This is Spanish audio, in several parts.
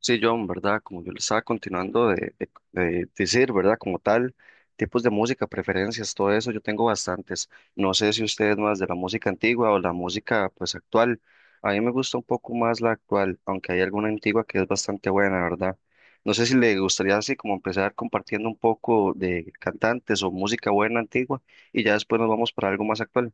Sí, John, ¿verdad? Como yo le estaba continuando de decir, ¿verdad? Como tal, tipos de música, preferencias, todo eso, yo tengo bastantes. No sé si usted es más de la música antigua o la música, pues, actual. A mí me gusta un poco más la actual, aunque hay alguna antigua que es bastante buena, ¿verdad? No sé si le gustaría así como empezar compartiendo un poco de cantantes o música buena antigua y ya después nos vamos para algo más actual.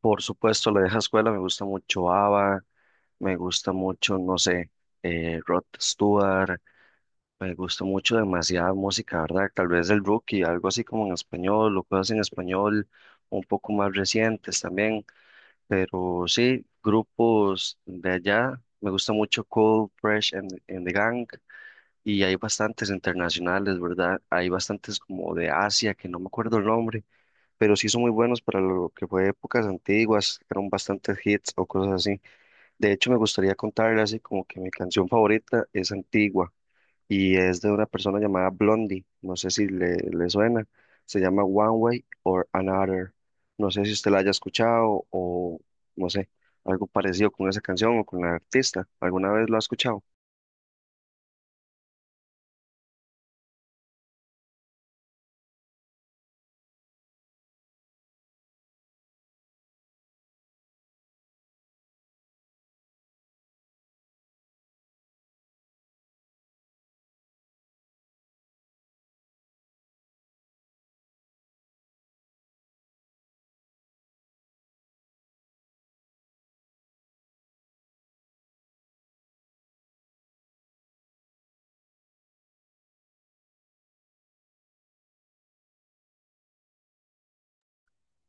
Por supuesto, la vieja escuela me gusta mucho ABBA, me gusta mucho, no sé, Rod Stewart. Me gustó mucho demasiada música, ¿verdad? Tal vez el Rookie, algo así como en español, o cosas en español un poco más recientes también. Pero sí, grupos de allá, me gusta mucho Cold, Fresh and the Gang, y hay bastantes internacionales, ¿verdad? Hay bastantes como de Asia, que no me acuerdo el nombre, pero sí son muy buenos para lo que fue épocas antiguas, eran bastantes hits o cosas así. De hecho, me gustaría contarles así como que mi canción favorita es antigua y es de una persona llamada Blondie. No sé si le suena. Se llama One Way or Another. No sé si usted la haya escuchado o no sé, algo parecido con esa canción o con la artista. ¿Alguna vez lo ha escuchado?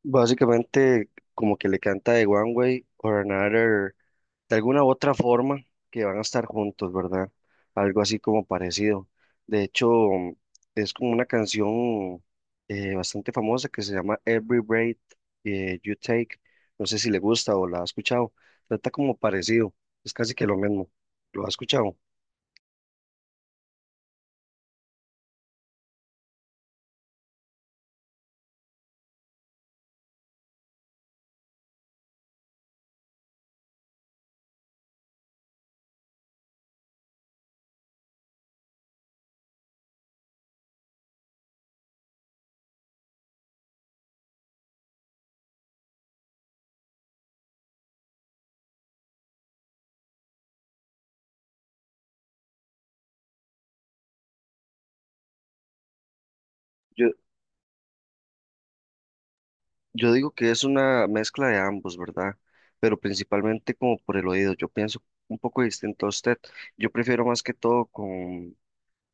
Básicamente, como que le canta de One Way or Another, de alguna u otra forma que van a estar juntos, ¿verdad? Algo así como parecido. De hecho, es como una canción bastante famosa que se llama Every Breath You Take. No sé si le gusta o la ha escuchado. Trata como parecido, es casi que lo mismo. ¿Lo ha escuchado? Yo, yo digo que es una mezcla de ambos, ¿verdad? Pero principalmente como por el oído. Yo pienso un poco distinto a usted. Yo prefiero más que todo con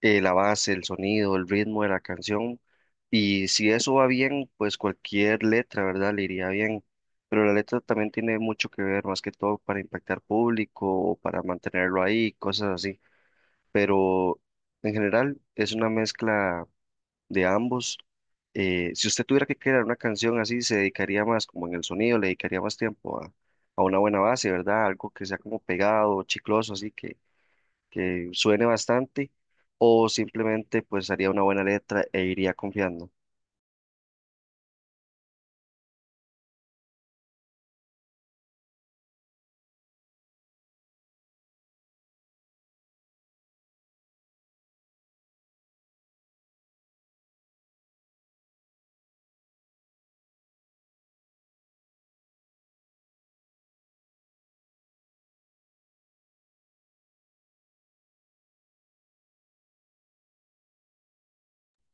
la base, el sonido, el ritmo de la canción. Y si eso va bien, pues cualquier letra, ¿verdad? Le iría bien. Pero la letra también tiene mucho que ver, más que todo para impactar público o para mantenerlo ahí, cosas así. Pero en general es una mezcla de ambos. Si usted tuviera que crear una canción así, se dedicaría más como en el sonido, le dedicaría más tiempo a una buena base, ¿verdad? Algo que sea como pegado, chicloso, así que suene bastante, o simplemente pues haría una buena letra e iría confiando.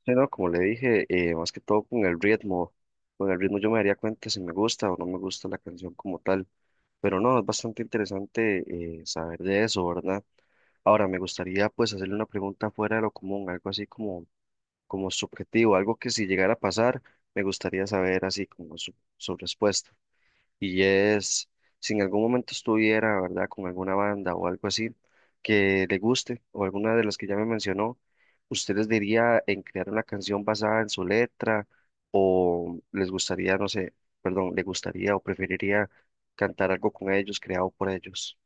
Sí, no como le dije, más que todo con el ritmo yo me daría cuenta si me gusta o no me gusta la canción como tal. Pero no, es bastante interesante, saber de eso, ¿verdad? Ahora, me gustaría pues hacerle una pregunta fuera de lo común, algo así como, como subjetivo, algo que si llegara a pasar, me gustaría saber así como su respuesta. Y es, si en algún momento estuviera, ¿verdad?, con alguna banda o algo así que le guste o alguna de las que ya me mencionó, ¿usted les diría en crear una canción basada en su letra o les gustaría, no sé, perdón, le gustaría o preferiría cantar algo con ellos, creado por ellos?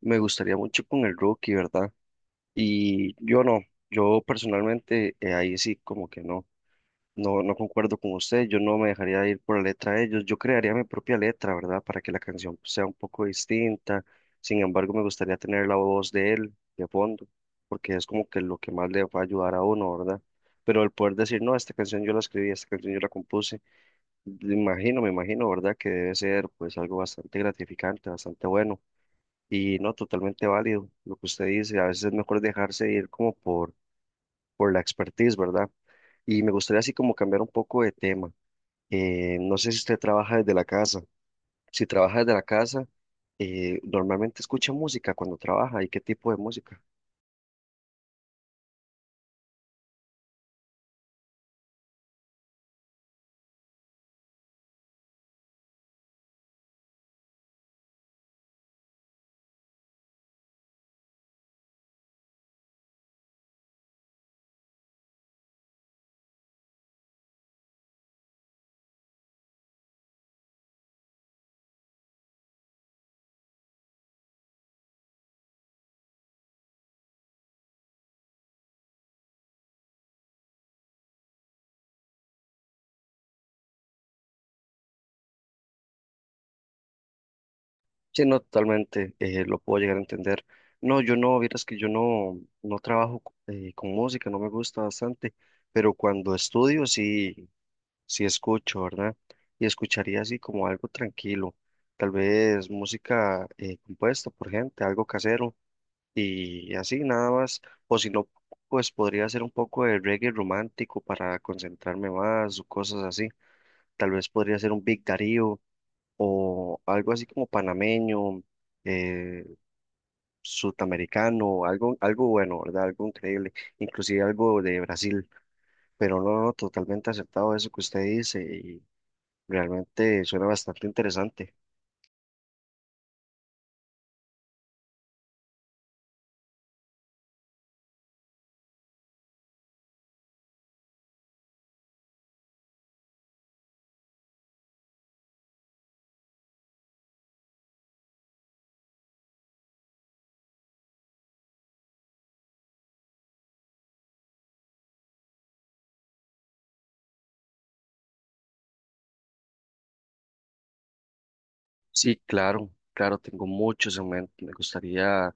Me gustaría mucho con el Rookie, ¿verdad? Y yo no, yo personalmente ahí sí como que no. No concuerdo con usted, yo no me dejaría ir por la letra de ellos, yo crearía mi propia letra, ¿verdad? Para que la canción sea un poco distinta, sin embargo me gustaría tener la voz de él de fondo, porque es como que lo que más le va a ayudar a uno, ¿verdad? Pero el poder decir, no, esta canción yo la escribí, esta canción yo la compuse, me imagino, ¿verdad? Que debe ser pues algo bastante gratificante, bastante bueno y no totalmente válido lo que usted dice, a veces es mejor dejarse ir como por la expertise, ¿verdad? Y me gustaría así como cambiar un poco de tema. No sé si usted trabaja desde la casa. Si trabaja desde la casa, normalmente escucha música cuando trabaja y qué tipo de música. Sí, no, totalmente, lo puedo llegar a entender. No, yo no, vieras que yo no, no trabajo con música, no me gusta bastante, pero cuando estudio sí, sí escucho, ¿verdad? Y escucharía así como algo tranquilo, tal vez música, compuesta por gente, algo casero y así nada más, o si no, pues podría hacer un poco de reggae romántico para concentrarme más o cosas así. Tal vez podría ser un Big Darío o algo así como panameño, eh, sudamericano, algo bueno, ¿verdad? Algo increíble, inclusive algo de Brasil, pero no, no, totalmente aceptado eso que usted dice y realmente suena bastante interesante. Sí, claro, claro, tengo muchos en mente, me gustaría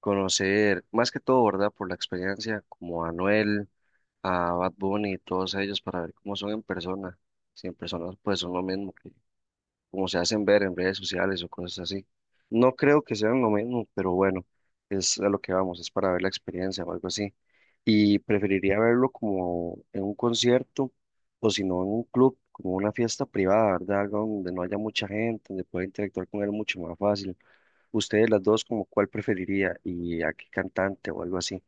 conocer, más que todo, ¿verdad? Por la experiencia, como a Anuel, a Bad Bunny y todos ellos, para ver cómo son en persona. Si en persona, pues son lo mismo que como se hacen ver en redes sociales o cosas así. No creo que sean lo mismo, pero bueno, es a lo que vamos, es para ver la experiencia o algo así. Y preferiría verlo como en un concierto o si no en un club, como una fiesta privada, ¿verdad? Algo donde no haya mucha gente, donde pueda interactuar con él mucho más fácil. Ustedes las dos, como cuál preferiría y a qué cantante o algo así.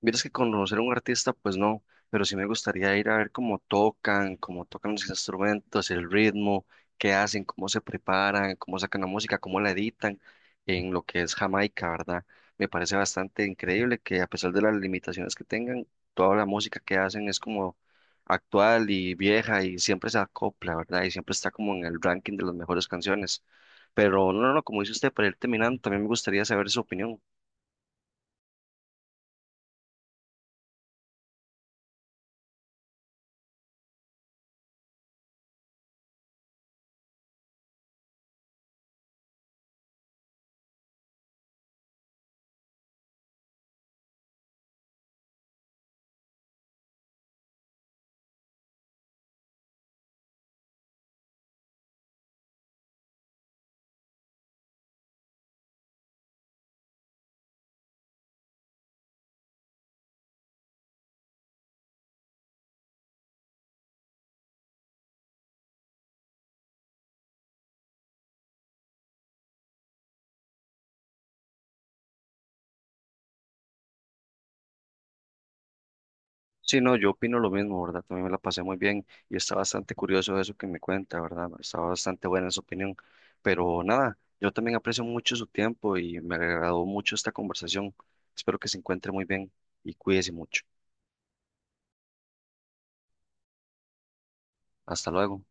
Miras que conocer a un artista, pues no, pero sí me gustaría ir a ver cómo tocan los instrumentos, el ritmo, qué hacen, cómo se preparan, cómo sacan la música, cómo la editan en lo que es Jamaica, ¿verdad? Me parece bastante increíble que a pesar de las limitaciones que tengan, toda la música que hacen es como actual y vieja y siempre se acopla, ¿verdad? Y siempre está como en el ranking de las mejores canciones. Pero no, no, no, como dice usted, para ir terminando, también me gustaría saber su opinión. Sí, no, yo opino lo mismo, ¿verdad? También me la pasé muy bien y está bastante curioso eso que me cuenta, ¿verdad? Está bastante buena su opinión. Pero nada, yo también aprecio mucho su tiempo y me agradó mucho esta conversación. Espero que se encuentre muy bien y cuídese mucho. Hasta luego.